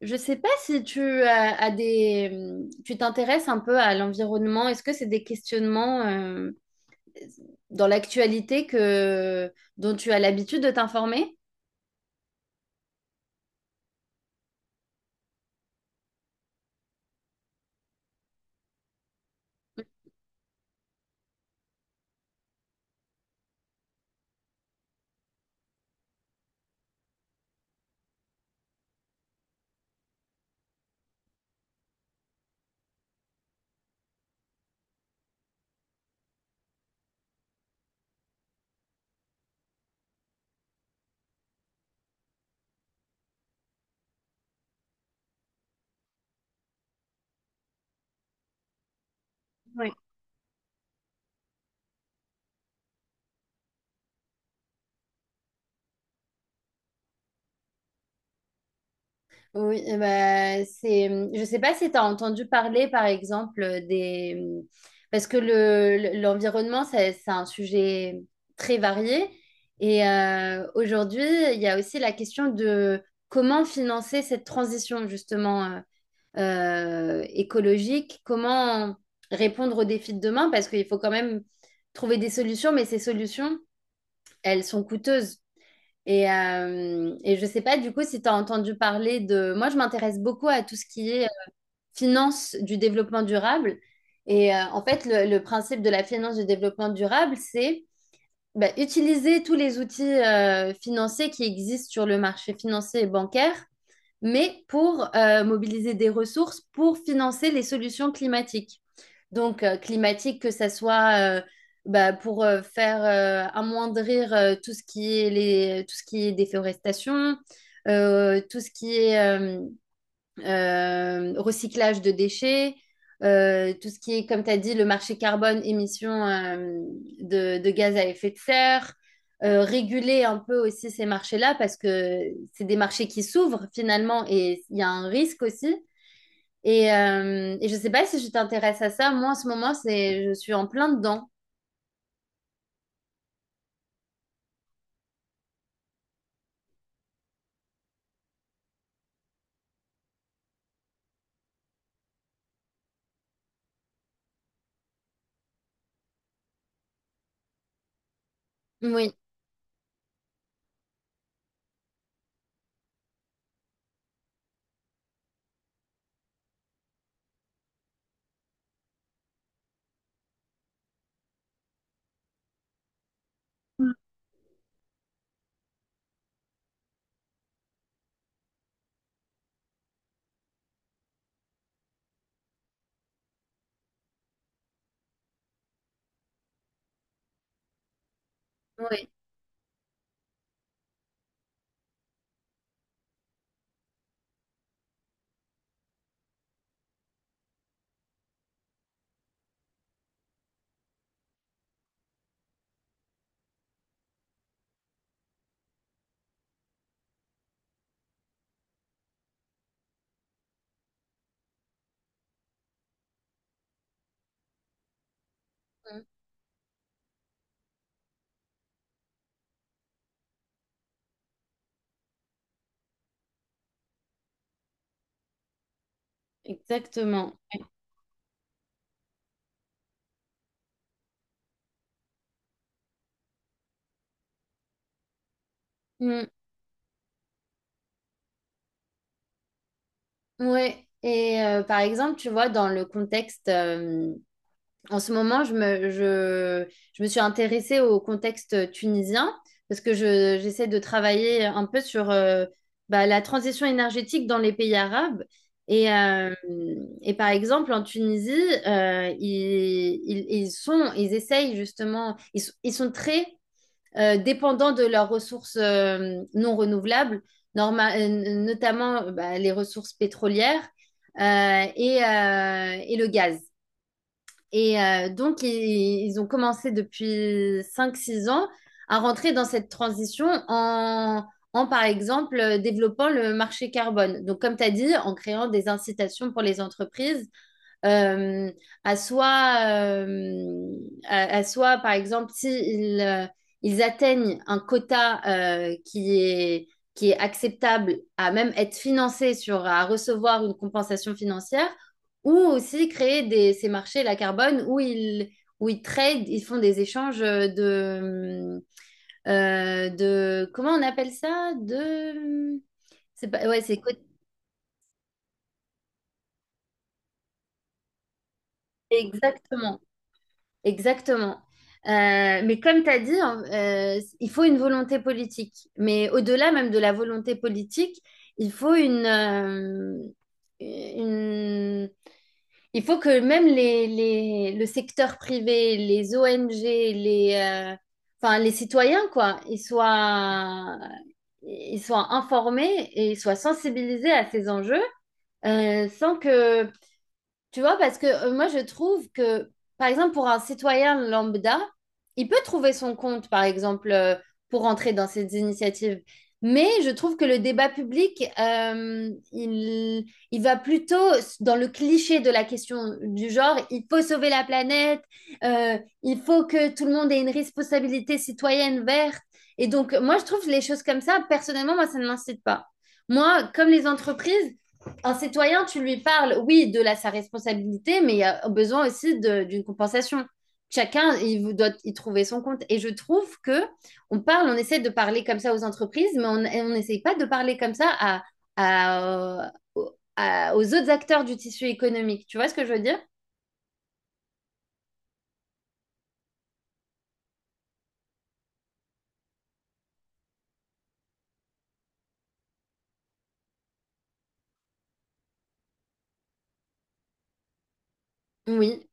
Je sais pas si tu as, tu t'intéresses un peu à l'environnement. Est-ce que c'est des questionnements dans l'actualité que dont tu as l'habitude de t'informer? Oui. Oui, eh ben, je sais pas si tu as entendu parler, par exemple, des... mm, parce que l'environnement, c'est un sujet très varié. Et aujourd'hui, il y a aussi la question de comment financer cette transition, justement. Écologique, comment répondre aux défis de demain, parce qu'il faut quand même trouver des solutions, mais ces solutions, elles sont coûteuses. Et je ne sais pas du coup si tu as entendu parler de... Moi, je m'intéresse beaucoup à tout ce qui est finance du développement durable. Et en fait, le principe de la finance du développement durable, c'est bah, utiliser tous les outils financiers qui existent sur le marché financier et bancaire mais pour mobiliser des ressources pour financer les solutions climatiques. Donc, climatique, que ça soit bah, pour faire amoindrir tout ce qui est tout ce qui est déforestation, tout ce qui est euh, recyclage de déchets, tout ce qui est, comme tu as dit, le marché carbone, émissions de gaz à effet de serre, réguler un peu aussi ces marchés-là parce que c'est des marchés qui s'ouvrent finalement et il y a un risque aussi. Et je ne sais pas si je t'intéresse à ça. Moi, en ce moment, je suis en plein dedans. Oui. Mm. Oui. Mm. Exactement. Mm. Ouais. Et par exemple, tu vois, dans le contexte en ce moment, je me suis intéressée au contexte tunisien parce que j'essaie de travailler un peu sur bah, la transition énergétique dans les pays arabes. Et, euh, et par exemple, en Tunisie, ils essayent justement, ils sont très dépendants de leurs ressources non renouvelables, notamment bah, les ressources pétrolières et le gaz. Et donc, ils ont commencé depuis cinq six ans à rentrer dans cette transition par exemple, développant le marché carbone. Donc, comme tu as dit, en créant des incitations pour les entreprises euh, à soit, euh, à soit, par exemple, s'ils ils atteignent un quota euh, qui est, qui est acceptable à même être financé sur, à recevoir une compensation financière, ou aussi créer des, ces marchés la carbone où ils trade, ils font des échanges de comment on appelle ça? C'est pas, ouais, exactement. Exactement. Mais comme tu as dit, hein, il faut une volonté politique. Mais au-delà même de la volonté politique, il faut une, euh, une- il faut que même le secteur privé, les ONG, enfin, les citoyens, quoi, ils soient informés et ils soient sensibilisés à ces enjeux, sans que tu vois, parce que moi, je trouve que, par exemple, pour un citoyen lambda, il peut trouver son compte, par exemple, pour entrer dans ces initiatives. Mais je trouve que le débat public, il va plutôt dans le cliché de la question du genre, il faut sauver la planète, il faut que tout le monde ait une responsabilité citoyenne verte. Et donc, moi, je trouve les choses comme ça, personnellement, moi, ça ne m'incite pas. Moi, comme les entreprises, un citoyen, tu lui parles, oui, sa responsabilité, mais il y a besoin aussi d'une compensation. Chacun, il vous doit y trouver son compte. Et je trouve que on parle, on essaie de parler comme ça aux entreprises, mais on et on n'essaye pas de parler comme ça aux autres acteurs du tissu économique. Tu vois ce que je veux dire? Oui.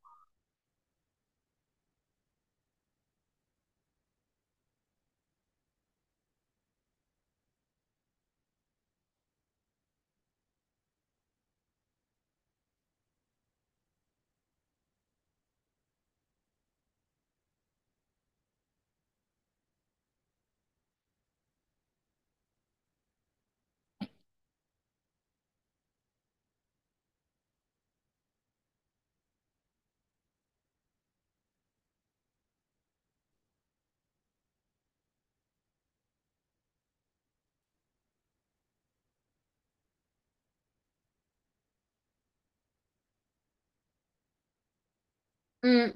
Mm.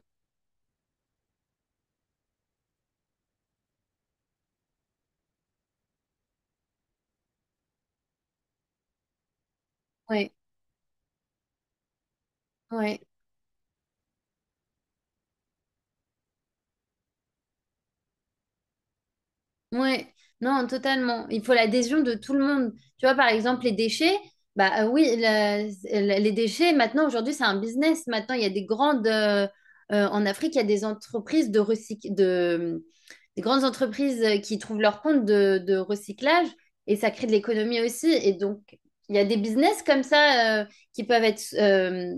Ouais. Ouais. Ouais, non, totalement. Il faut l'adhésion de tout le monde. Tu vois, par exemple, les déchets, oui, les déchets, maintenant, aujourd'hui, c'est un business. Maintenant, il y a des grandes. En Afrique, il y a des entreprises des grandes entreprises qui trouvent leur compte de recyclage et ça crée de l'économie aussi. Et donc, il y a des business comme ça qui peuvent être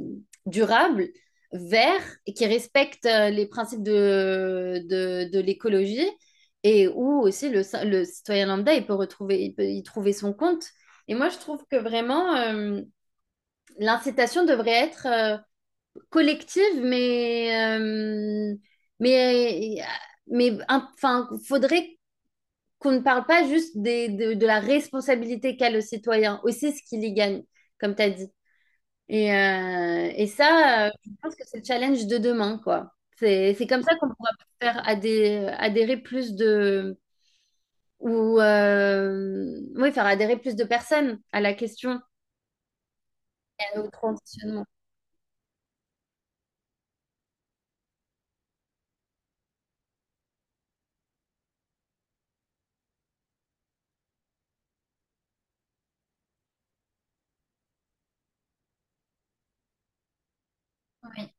durables, verts, et qui respectent les principes de l'écologie. Et où aussi le citoyen lambda, il peut y trouver son compte. Et moi, je trouve que vraiment, l'incitation devrait être collective, mais, mais enfin, faudrait qu'on ne parle pas juste de la responsabilité qu'a le citoyen, aussi ce qu'il y gagne, comme tu as dit. Et ça, je pense que c'est le challenge de demain, quoi. C'est comme ça qu'on pourra faire adhérer plus de, ou oui, faire adhérer plus de personnes à la question et au transitionnement. Oui,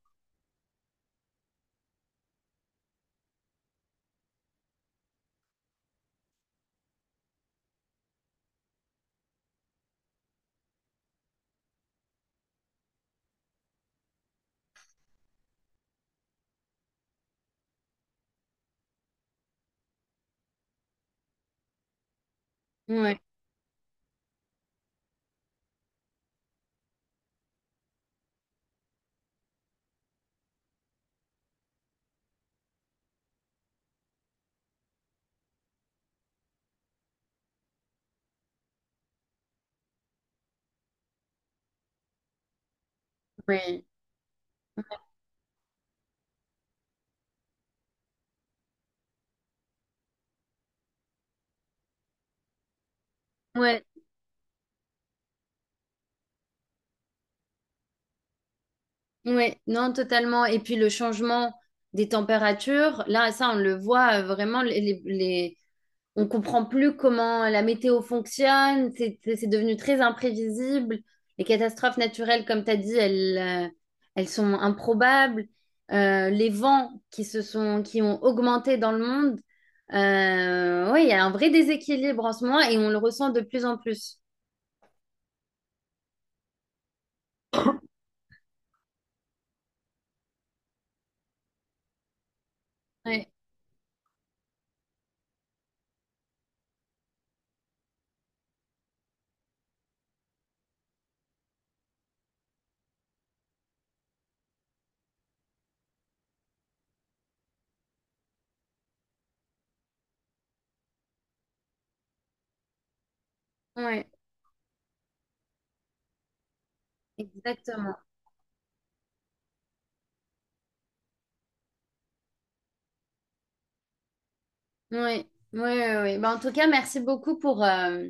oui, oui, ouais, ouais, non, totalement. Et puis le changement des températures, là, ça, on le voit vraiment, on comprend plus comment la météo fonctionne, devenu très imprévisible. Les catastrophes naturelles, comme tu as dit, elles sont improbables. Les vents qui ont augmenté dans le monde, ouais, il y a un vrai déséquilibre en ce moment et on le ressent de plus en plus. Ouais, ouais, exactement. Ouais, ouais, ouais. Ouais. Ben, en tout cas, merci beaucoup pour, euh,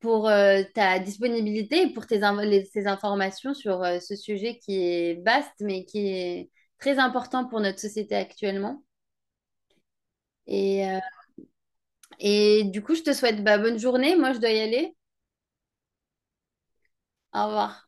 pour euh, ta disponibilité et pour ces informations sur ce sujet qui est vaste, mais qui est très important pour notre société actuellement. Et, euh, et du coup, je te souhaite bah, bonne journée. Moi, je dois y aller. Au revoir.